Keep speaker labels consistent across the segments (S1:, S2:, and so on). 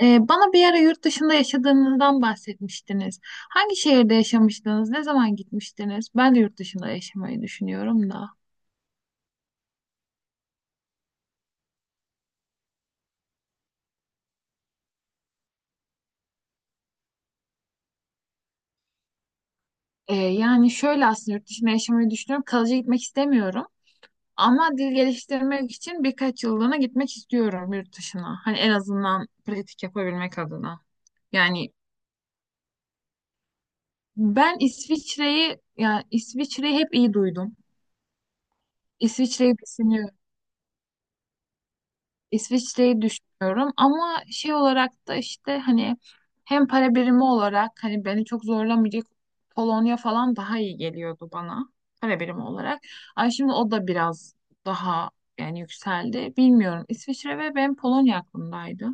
S1: Bana bir ara yurt dışında yaşadığınızdan bahsetmiştiniz. Hangi şehirde yaşamıştınız? Ne zaman gitmiştiniz? Ben de yurt dışında yaşamayı düşünüyorum da. Yani şöyle aslında yurt dışında yaşamayı düşünüyorum. Kalıcı gitmek istemiyorum. Ama dil geliştirmek için birkaç yıllığına gitmek istiyorum yurt dışına. Hani en azından pratik yapabilmek adına. Yani ben İsviçre'yi hep iyi duydum. İsviçre'yi düşünüyorum. İsviçre'yi düşünüyorum ama şey olarak da işte hani hem para birimi olarak hani beni çok zorlamayacak Polonya falan daha iyi geliyordu bana para birimi olarak. Ay şimdi o da biraz daha yani yükseldi. Bilmiyorum. İsviçre ve ben Polonya aklımdaydı.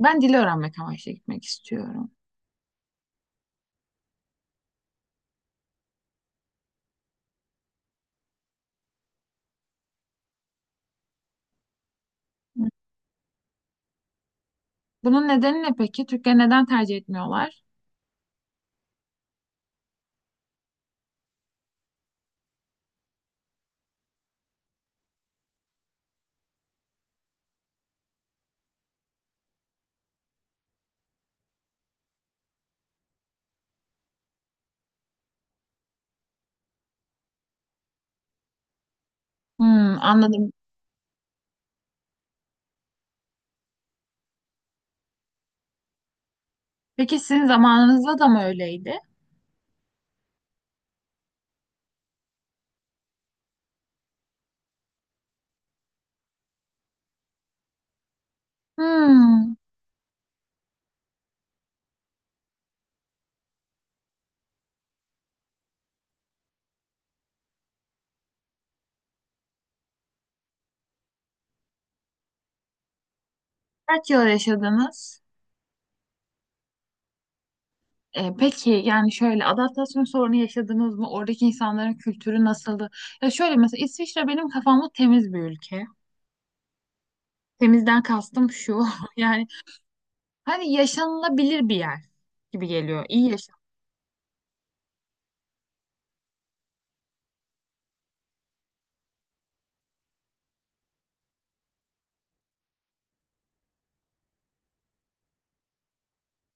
S1: Ben dili öğrenmek amaçlı gitmek istiyorum. Hı. Bunun nedeni ne peki? Türkleri neden tercih etmiyorlar? Hmm, anladım. Peki sizin zamanınızda da mı öyleydi? Hmm, Kaç yıl yaşadınız? Peki yani şöyle adaptasyon sorunu yaşadınız mı? Oradaki insanların kültürü nasıldı? Ya şöyle mesela İsviçre benim kafamda temiz bir ülke. Temizden kastım şu. Yani hani yaşanılabilir bir yer gibi geliyor. İyi yaşam.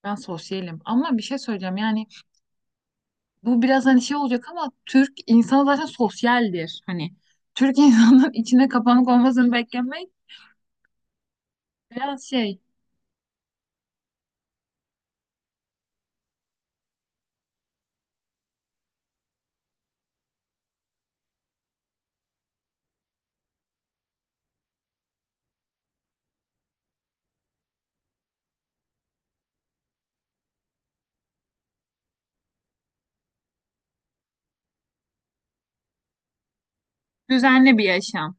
S1: Ben sosyalim. Ama bir şey söyleyeceğim. Yani bu biraz hani şey olacak ama Türk insanı zaten sosyaldir. Hani Türk insanının içine kapanık olmasını beklemek biraz şey, düzenli bir yaşam.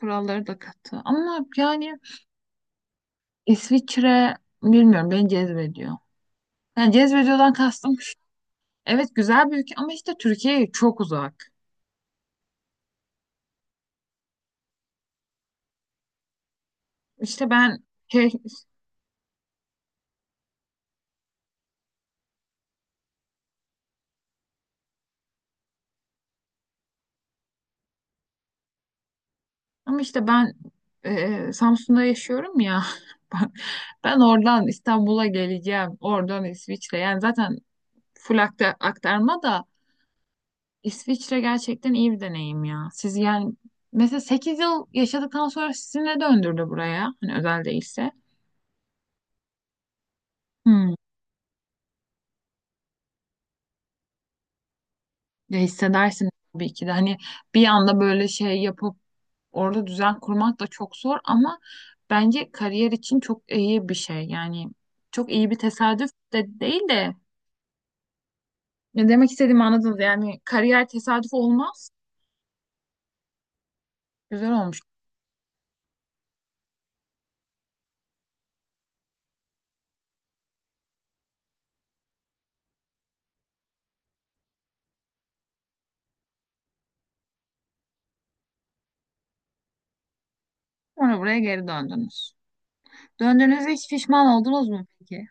S1: Kuralları da katı. Ama yani İsviçre bilmiyorum beni cezbediyor. Yani cezbediyordan kastım şu. Evet, güzel bir ülke ama işte Türkiye'ye çok uzak. İşte ben şey, ama işte ben Samsun'da yaşıyorum ya. Ben, ben oradan İstanbul'a geleceğim. Oradan İsviçre. Yani zaten full aktarma da İsviçre gerçekten iyi bir deneyim ya. Siz yani mesela 8 yıl yaşadıktan sonra sizi ne döndürdü buraya? Hani özel değilse. Hmm. Ya hissedersin tabii ki de hani bir anda böyle şey yapıp orada düzen kurmak da çok zor ama bence kariyer için çok iyi bir şey. Yani çok iyi bir tesadüf de değil de ne demek istediğimi anladınız. Yani kariyer tesadüf olmaz. Güzel olmuş. Sonra buraya geri döndünüz. Döndüğünüzde hiç pişman oldunuz mu peki?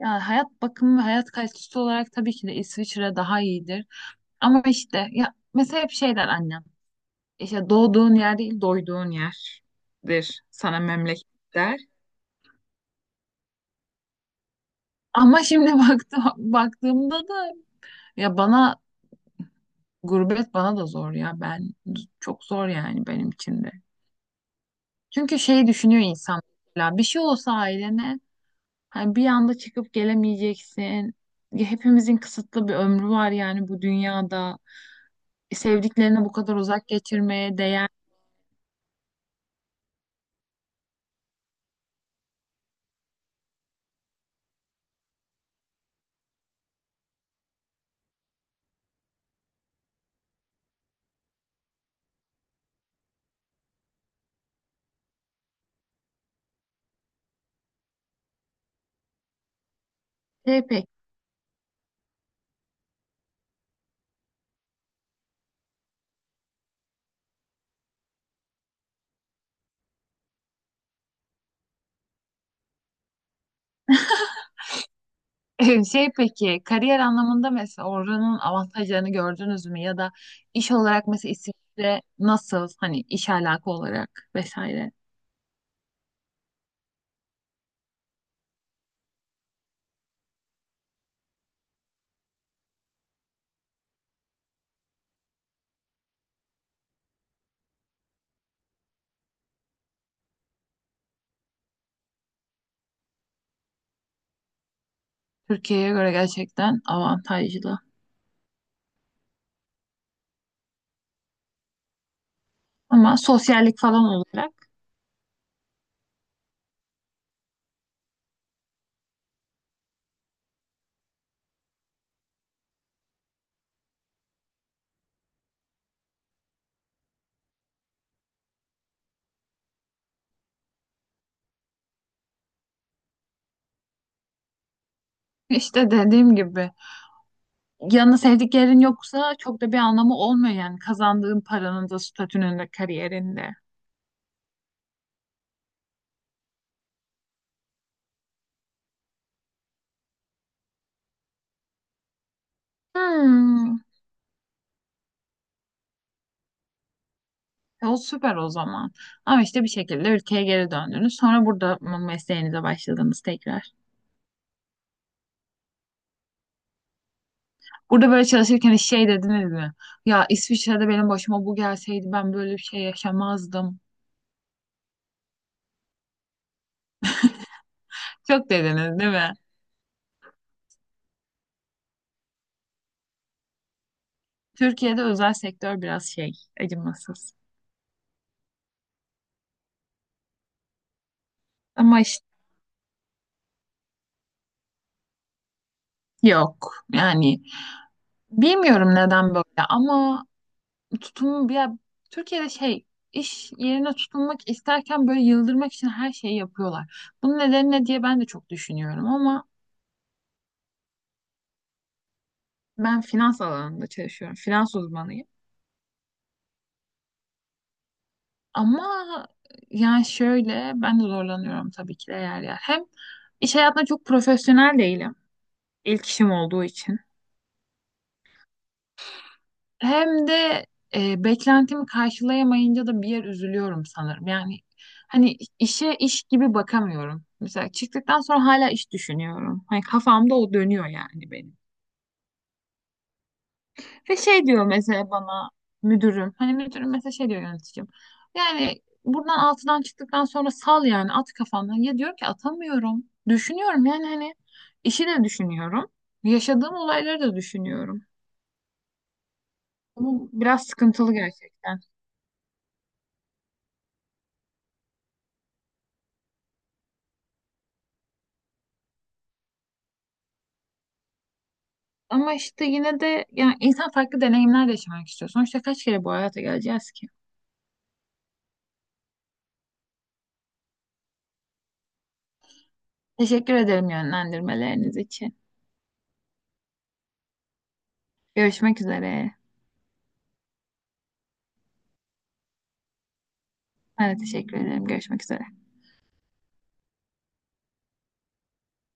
S1: Yani hayat bakımı ve hayat kalitesi olarak tabii ki de İsviçre daha iyidir. Ama işte ya mesela hep şey der annem. İşte doğduğun yer değil, doyduğun yerdir sana memleket der. Ama şimdi baktığımda da ya bana gurbet bana da zor ya ben çok zor yani benim için de. Çünkü şey düşünüyor insan mesela bir şey olsa ailene hani bir anda çıkıp gelemeyeceksin. Ya hepimizin kısıtlı bir ömrü var yani bu dünyada. Sevdiklerine bu kadar uzak geçirmeye değer. Şey pek Şey peki kariyer anlamında mesela oranın avantajlarını gördünüz mü ya da iş olarak mesela İsviçre nasıl hani iş alaka olarak vesaire Türkiye'ye göre gerçekten avantajlı ama sosyallik falan olarak işte dediğim gibi yanına sevdiklerin yoksa çok da bir anlamı olmuyor yani kazandığın paranın da statünün de kariyerinde. Hmm. O süper o zaman. Ama işte bir şekilde ülkeye geri döndünüz. Sonra burada mı mesleğinize başladınız tekrar? Burada böyle çalışırken hiç şey dediniz mi? Ya İsviçre'de benim başıma bu gelseydi ben böyle bir şey yaşamazdım. Çok dediniz değil mi? Türkiye'de özel sektör biraz şey, acımasız. Ama işte yok. Yani bilmiyorum neden böyle ama tutum ya, Türkiye'de şey, iş yerine tutunmak isterken böyle yıldırmak için her şeyi yapıyorlar. Bunun nedeni ne diye ben de çok düşünüyorum ama ben finans alanında çalışıyorum. Finans uzmanıyım. Ama yani şöyle ben de zorlanıyorum tabii ki de yer yer. Hem iş hayatında çok profesyonel değilim. İlk işim olduğu için. Hem de beklentimi karşılayamayınca da bir yer üzülüyorum sanırım. Yani hani işe iş gibi bakamıyorum. Mesela çıktıktan sonra hala iş düşünüyorum. Hani kafamda o dönüyor yani benim. Ve şey diyor mesela bana müdürüm. Hani müdürüm mesela şey diyor, yöneticim. Yani buradan altıdan çıktıktan sonra sal yani at kafandan. Ya diyor ki atamıyorum. Düşünüyorum yani hani işi de düşünüyorum. Yaşadığım olayları da düşünüyorum. Bu biraz sıkıntılı gerçekten. Ama işte yine de yani insan farklı deneyimler de yaşamak istiyor. Sonuçta kaç kere bu hayata geleceğiz ki? Teşekkür ederim yönlendirmeleriniz için. Görüşmek üzere. Ben de teşekkür ederim. Görüşmek üzere.